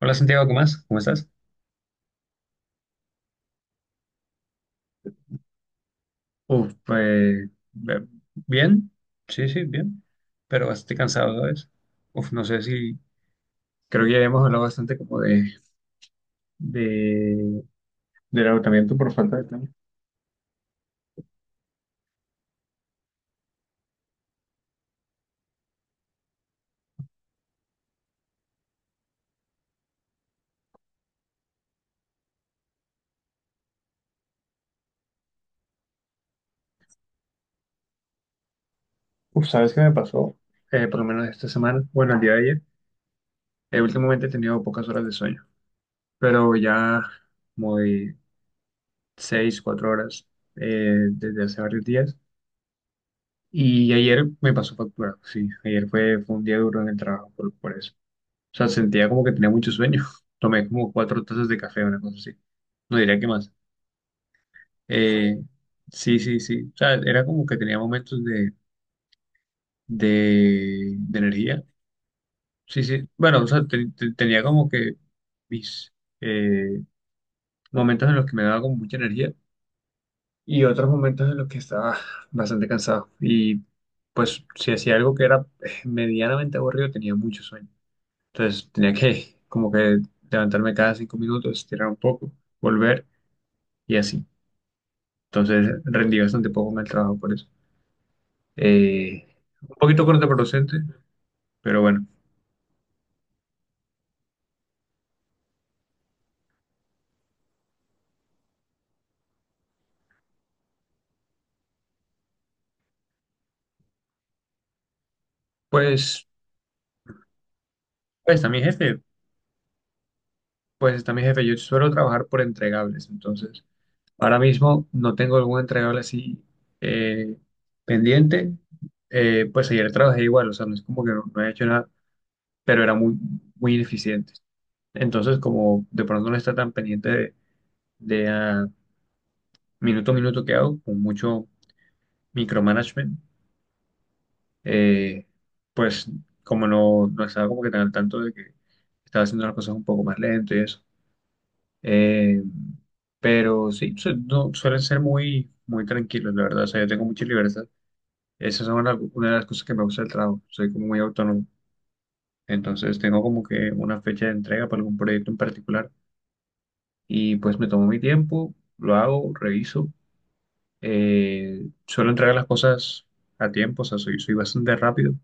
Hola Santiago, ¿qué más? ¿Cómo estás? Uf, pues bien, sí, sí, bien, pero bastante cansado, ¿sabes? Uf, no sé si. Creo que ya hemos hablado bastante como de, de, del agotamiento por falta de tiempo. Uf, ¿sabes qué me pasó? Por lo menos esta semana, bueno, el día de ayer, últimamente he tenido pocas horas de sueño, pero ya como de 6, 4 horas desde hace varios días. Y ayer me pasó factura, sí, ayer fue un día duro en el trabajo por eso. O sea, sentía como que tenía mucho sueño. Tomé como cuatro tazas de café, una cosa así. No diría que más. Eh, sí, sí, sí. O sea, era como que tenía momentos de energía. Sí, sí. Bueno, o sea, tenía como que mis eh, momentos en los que me daba como mucha energía y otros momentos en los que estaba bastante cansado. Y pues si hacía algo que era medianamente aburrido, tenía mucho sueño. Entonces tenía que como que levantarme cada 5 minutos, estirar un poco, volver y así. Entonces rendí bastante poco en el trabajo por eso. Eh, un poquito contraproducente, pero bueno, pues, pues está mi jefe, pues está mi jefe. Yo suelo trabajar por entregables, entonces ahora mismo no tengo algún entregable así eh, pendiente. Pues ayer trabajé igual, o sea, no es como que no he hecho nada, pero era muy, muy ineficiente. Entonces, como de pronto no está tan pendiente de, de, ah, minuto a minuto que hago, con mucho micromanagement eh, pues como no estaba como que tan al tanto de que estaba haciendo las cosas un poco más lento y eso. Eh, pero sí, su- no, suelen ser muy, muy tranquilos, la verdad. O sea, yo tengo mucha libertad. Esas son una de las cosas que me gusta del trabajo. Soy como muy autónomo. Entonces tengo como que una fecha de entrega para algún proyecto en particular y pues me tomo mi tiempo, lo hago, reviso. Suelo entregar las cosas a tiempo, o sea, soy bastante rápido.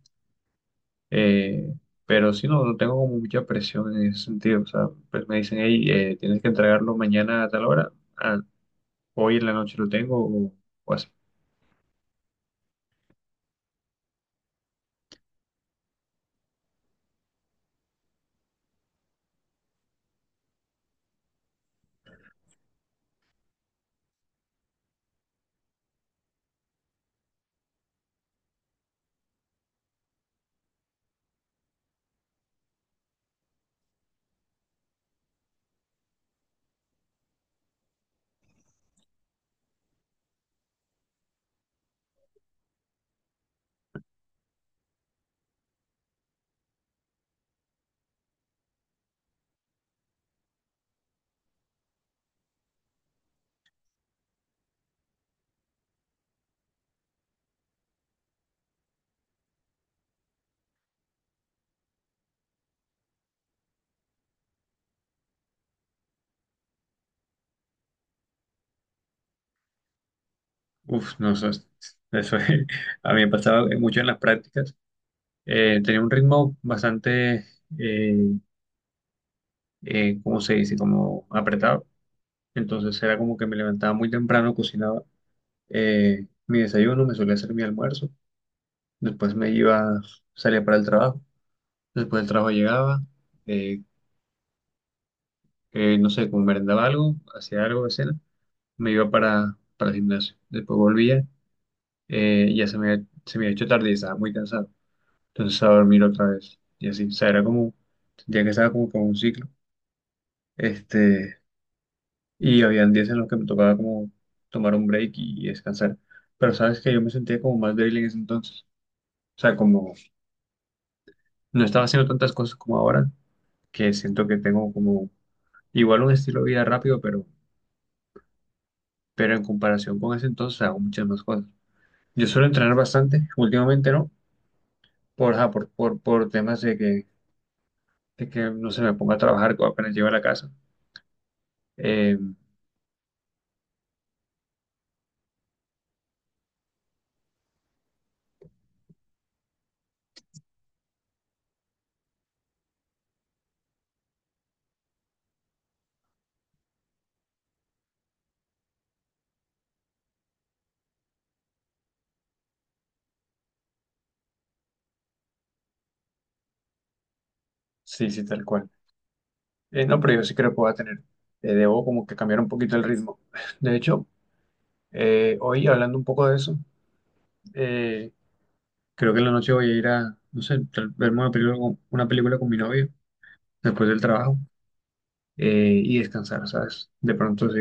Eh, pero sí, no tengo como mucha presión en ese sentido. O sea, pues me dicen, hey, tienes que entregarlo mañana a tal hora. Ah, hoy en la noche lo tengo o así. Uf, no sé. eso es- a mí me pasaba mucho en las prácticas. Tenía un ritmo bastante, eh, ¿cómo se dice? Como apretado. Entonces era como que me levantaba muy temprano, cocinaba mi desayuno, me solía hacer mi almuerzo. Después me iba, salía para el trabajo. Después del trabajo llegaba eh, no sé, como merendaba algo, hacía algo de cena, me iba para el gimnasio. Después volvía, se me había hecho tarde y estaba muy cansado. Entonces a dormir otra vez. Y así, o sea, era como, sentía que estaba como con un ciclo. Este, y habían días en los que me tocaba como tomar un break y descansar. Pero sabes que yo me sentía como más débil en ese entonces. O sea, como no estaba haciendo tantas cosas como ahora, que siento que tengo como igual un estilo de vida rápido, pero en comparación con ese entonces hago muchas más cosas. Yo suelo entrenar bastante, últimamente no, ajá, por temas de de que no se me ponga a trabajar cuando apenas llego a la casa. Eh, sí, sí, tal cual. No, pero yo sí creo que puedo tener. Debo como que cambiar un poquito el ritmo. De hecho, hoy hablando un poco de eso, eh, creo que en la noche voy a ir a, no sé, verme una película con mi novio después del trabajo y descansar, ¿sabes? De pronto sí,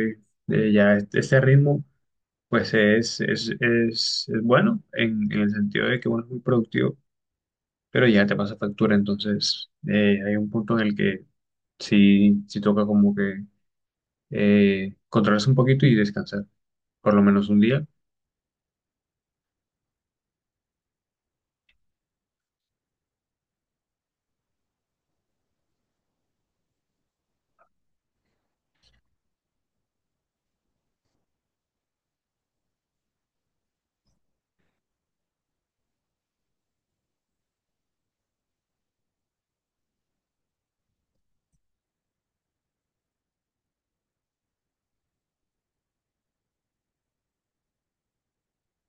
ya este ritmo. Pues es bueno en, el sentido de que bueno, es muy productivo, pero ya te pasa factura. Entonces, hay un punto en el que sí, sí toca como que controlarse un poquito y descansar, por lo menos un día.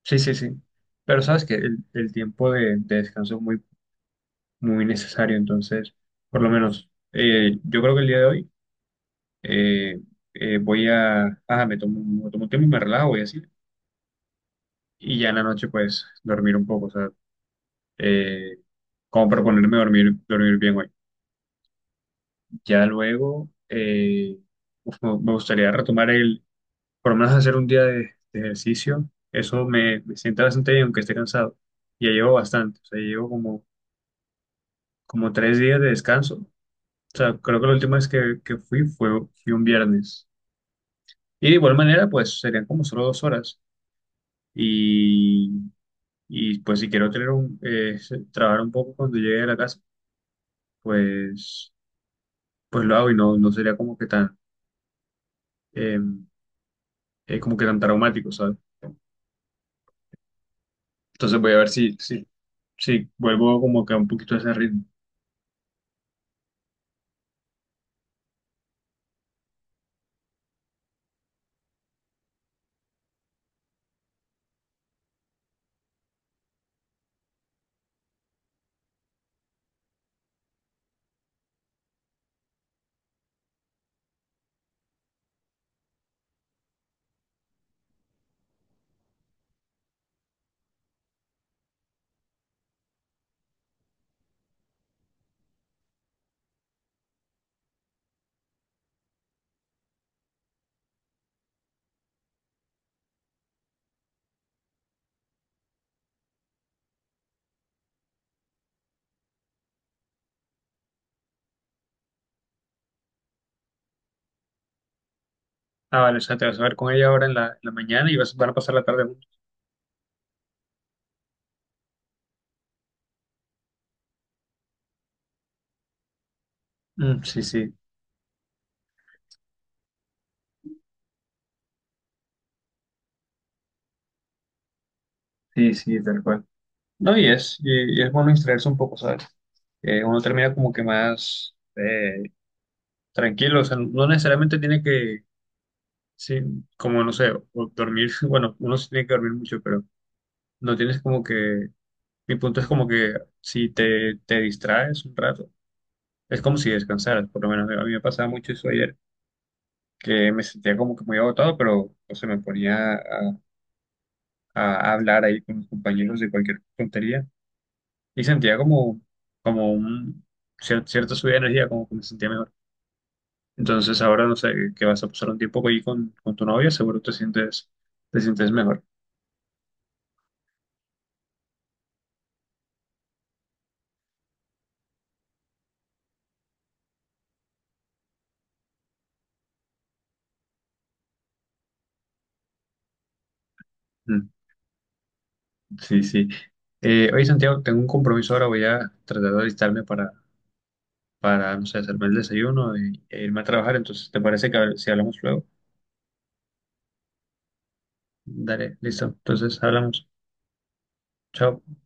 Sí, sí, sí. Pero sabes que el tiempo de descanso es muy, muy necesario. Entonces, por lo menos, yo creo que el día de hoy eh, me tomo un tiempo y me relajo y así. Y ya en la noche, pues, dormir un poco. O sea, eh, como para ponerme dormir bien hoy. Ya luego, uf, me gustaría retomar por lo menos hacer un día de ejercicio. Eso me sienta bastante bien, aunque esté cansado. Ya llevo bastante, o sea, llevo como 3 días de descanso. O sea, creo que la última vez que fui fue, fui un viernes. Y de igual manera, pues serían como solo 2 horas. Y, y pues si quiero tener trabajar un poco cuando llegue a la casa, pues, pues lo hago y no sería eh, como que tan traumático, ¿sabes? Entonces voy a ver si vuelvo como que a un poquito a ese ritmo. Ah, vale, o sea, te vas a ver con ella ahora en en la mañana y van a pasar la tarde juntos. Mm, sí, sí, sí, sí, tal cual. No, y es bueno distraerse un poco, ¿sabes? Uno termina como que más tranquilo, o sea, no necesariamente tiene que, sí, como no sé, o dormir, bueno, uno sí tiene que dormir mucho, pero no tienes como que, mi punto es como que si te distraes un rato, es como si descansaras, por lo menos a mí me pasaba mucho eso ayer, que me sentía como que muy agotado, pero no sé, me ponía a hablar ahí con mis compañeros de cualquier tontería y sentía como cierta subida de energía, como que me sentía mejor. Entonces ahora no sé, que vas a pasar un tiempo ahí con tu novia, seguro te sientes mejor. Mm, sí, sí. Oye, Santiago, tengo un compromiso ahora, voy a tratar de alistarme para, no sé, hacerme el desayuno e irme a trabajar, entonces, ¿te parece si hablamos luego? Dale, listo. Entonces hablamos. Chao.